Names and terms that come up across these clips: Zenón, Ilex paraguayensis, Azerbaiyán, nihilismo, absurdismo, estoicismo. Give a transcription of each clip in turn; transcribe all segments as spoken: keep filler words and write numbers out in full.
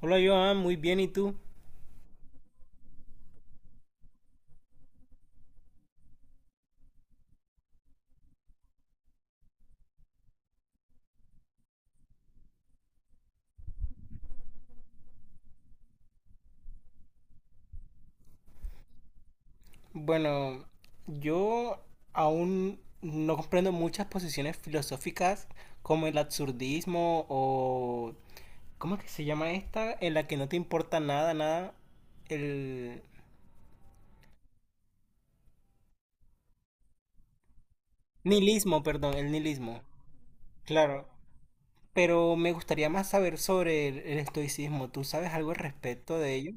Hola Joan, muy bien, ¿y tú? Bueno, yo aún no comprendo muchas posiciones filosóficas como el absurdismo o... ¿Cómo es que se llama esta? En la que no te importa nada, nada. El nihilismo, perdón, el nihilismo. Claro. Pero me gustaría más saber sobre el, el estoicismo. ¿Tú sabes algo al respecto de ello?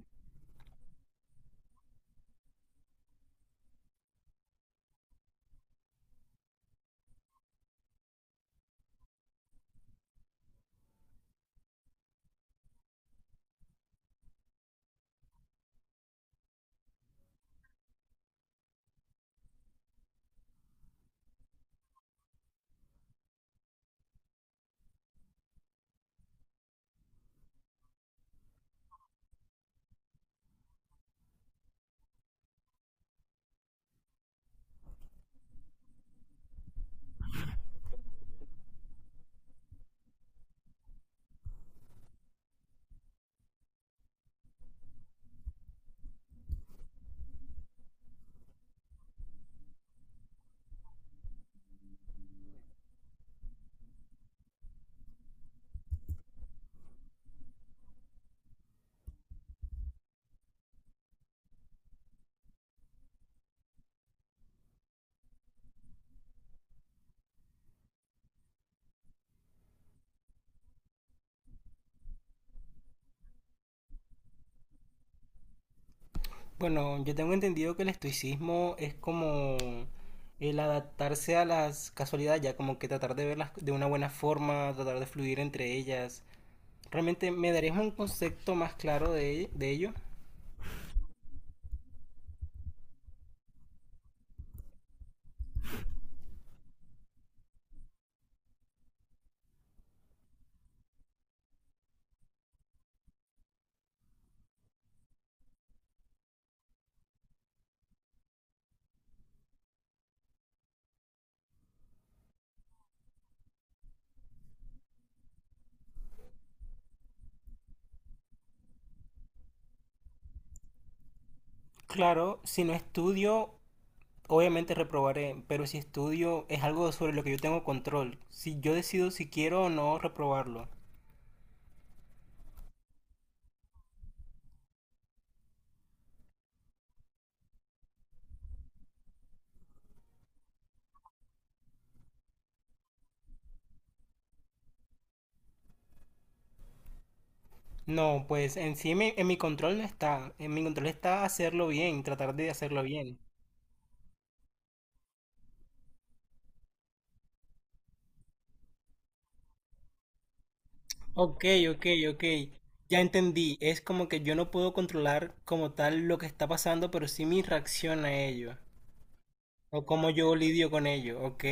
Bueno, yo tengo entendido que el estoicismo es como el adaptarse a las casualidades, ya como que tratar de verlas de una buena forma, tratar de fluir entre ellas. ¿Realmente me darías un concepto más claro de, de ello? Claro, si no estudio, obviamente reprobaré, pero si estudio es algo sobre lo que yo tengo control. Si yo decido si quiero o no reprobarlo. No, pues en sí mi- en mi control no está. En mi control está hacerlo bien, tratar de hacerlo bien. Ok, ok, ok. Ya entendí. Es como que yo no puedo controlar como tal lo que está pasando, pero sí mi reacción a ello. O cómo yo lidio con ello. Ok.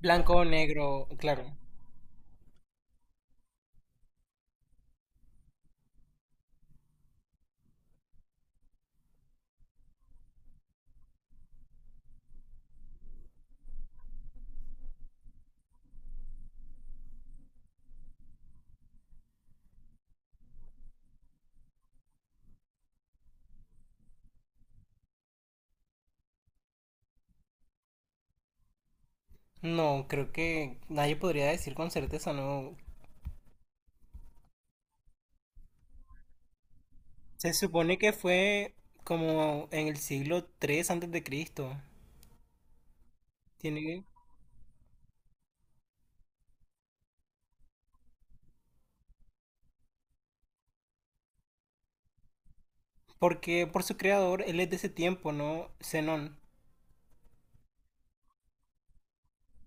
Blanco o negro, claro. No, creo que nadie podría decir con certeza, no. Se supone que fue como en el siglo tres antes de Cristo. Tiene porque por su creador él es de ese tiempo, ¿no? Zenón.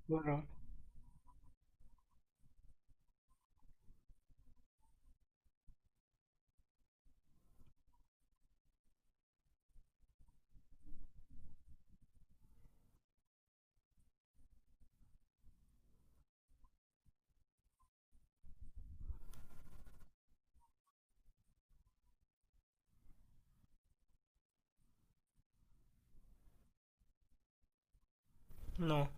Bueno, no.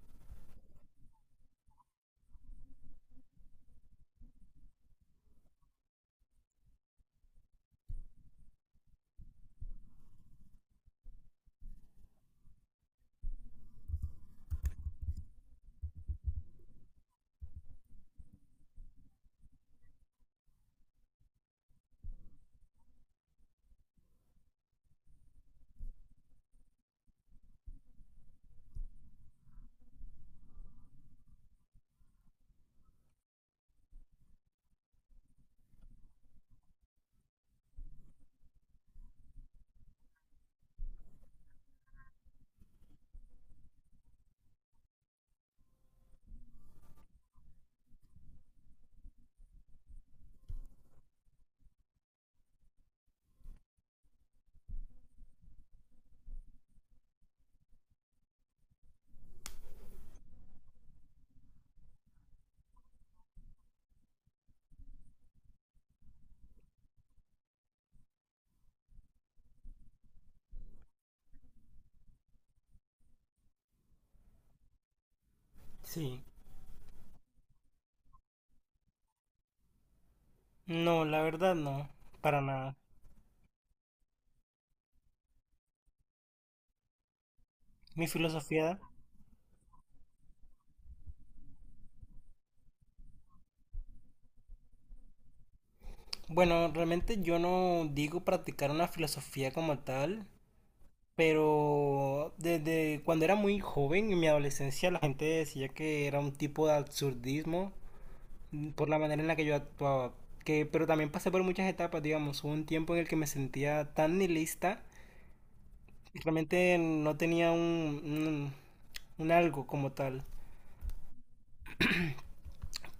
Sí. No, la verdad no, para nada. Mi filosofía, bueno, realmente yo no digo practicar una filosofía como tal, pero desde cuando era muy joven, en mi adolescencia, la gente decía que era un tipo de absurdismo mm, por la manera en la que yo actuaba. Que, pero también pasé por muchas etapas, digamos, hubo un tiempo en el que me sentía tan nihilista, y realmente no tenía un, un, un algo como tal.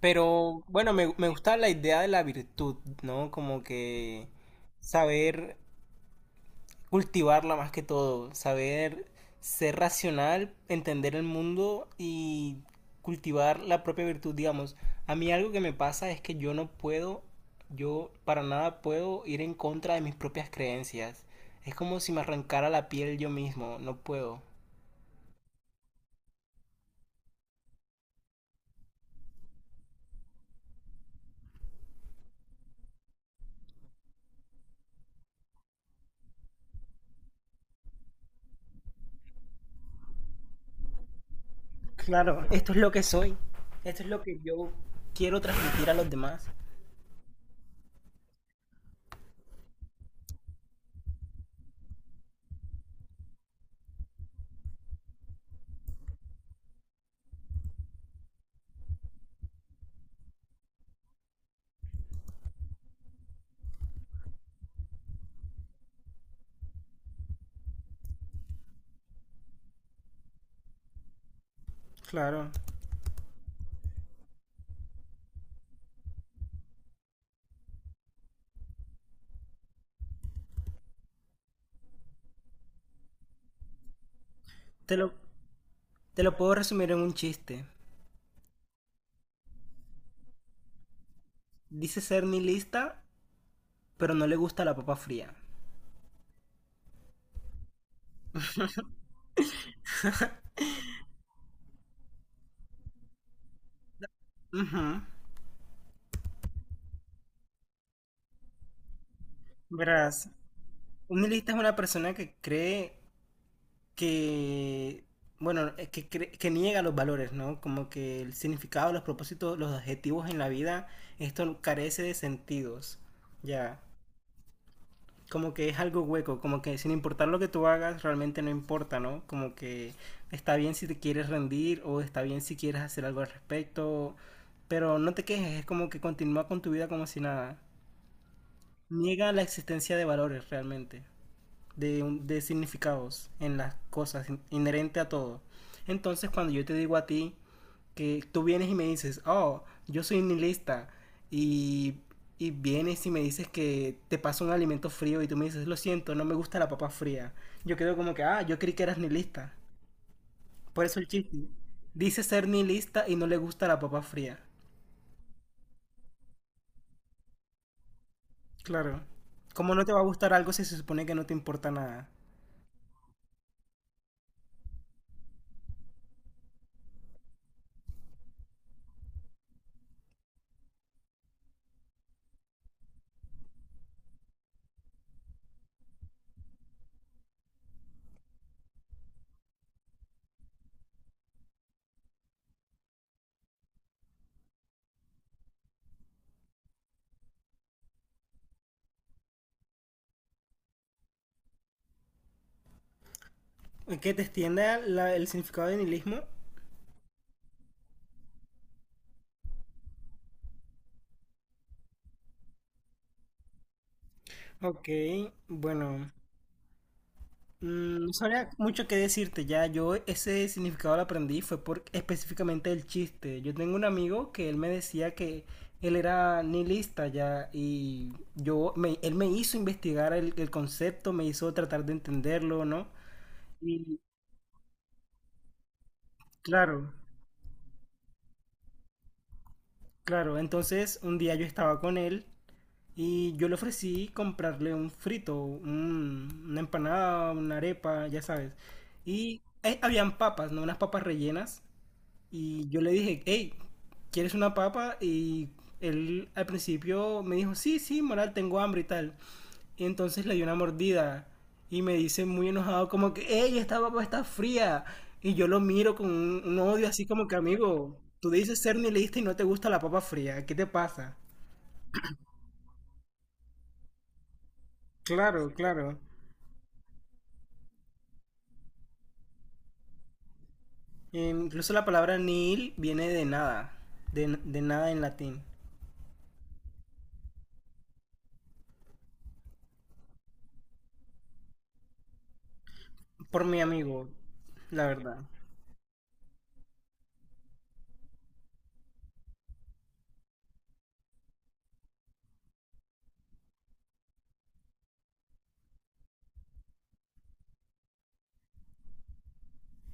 Pero bueno, me, me gusta la idea de la virtud, ¿no? Como que saber cultivarla más que todo, saber ser racional, entender el mundo y cultivar la propia virtud, digamos. A mí algo que me pasa es que yo no puedo, yo para nada puedo ir en contra de mis propias creencias. Es como si me arrancara la piel yo mismo, no puedo. Claro, esto es lo que soy, esto es lo que yo quiero transmitir a los demás. Claro. Te lo, te lo puedo resumir en un chiste. Dice ser nihilista, pero no le gusta la papa fría. Ujú. Verás, un nihilista es una persona que cree que, bueno, eh, que, cre- que niega los valores, ¿no? Como que el significado, los propósitos, los objetivos en la vida, esto carece de sentidos, ya. Como que es algo hueco, como que sin importar lo que tú hagas, realmente no importa, ¿no? Como que está bien si te quieres rendir o está bien si quieres hacer algo al respecto, pero no te quejes, es como que continúa con tu vida como si nada. Niega la existencia de valores realmente. de, de significados en las cosas, inherente a todo. Entonces, cuando yo te digo a ti que tú vienes y me dices, oh, yo soy nihilista, y, y vienes y me dices que te pasa un alimento frío y tú me dices, lo siento, no me gusta la papa fría, yo quedo como que, ah, yo creí que eras nihilista. Por eso el chiste. Dice ser nihilista y no le gusta la papa fría. Claro. ¿Cómo no te va a gustar algo si se supone que no te importa nada? Que te extienda la- el significado de nihilismo. Ok, bueno, mm, no sabría mucho qué decirte ya. Yo ese significado lo aprendí fue por específicamente el chiste. Yo tengo un amigo que él me decía que él era nihilista ya y yo me, él me hizo investigar el, el concepto, me hizo tratar de entenderlo, ¿no? Y claro, claro. Entonces un día yo estaba con él. Y yo le ofrecí comprarle un frito, un- una empanada, una arepa, ya sabes. Y eh, habían papas, ¿no? Unas papas rellenas. Y yo le dije, hey, ¿quieres una papa? Y él al principio me dijo, sí, sí, moral, tengo hambre y tal. Y entonces le di una mordida. Y me dice muy enojado, como que, hey, esta papa está fría. Y yo lo miro con un, un odio así como que, amigo, tú dices ser nihilista y no te gusta la papa fría. ¿Qué te pasa? Claro, claro. Eh, incluso la palabra nihil viene de nada, de, de nada en latín. Por mi amigo, la verdad.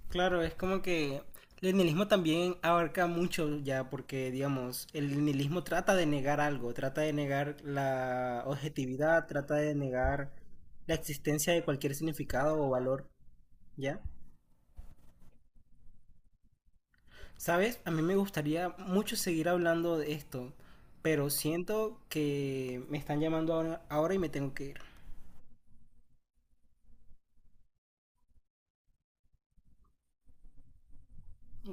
Claro, es como que el nihilismo también abarca mucho ya, porque digamos, el nihilismo trata de negar algo, trata de negar la objetividad, trata de negar la existencia de cualquier significado o valor, ¿ya? ¿Sabes? A mí me gustaría mucho seguir hablando de esto, pero siento que me están llamando ahora, ahora y me tengo que ir.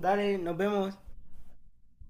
Dale, nos vemos.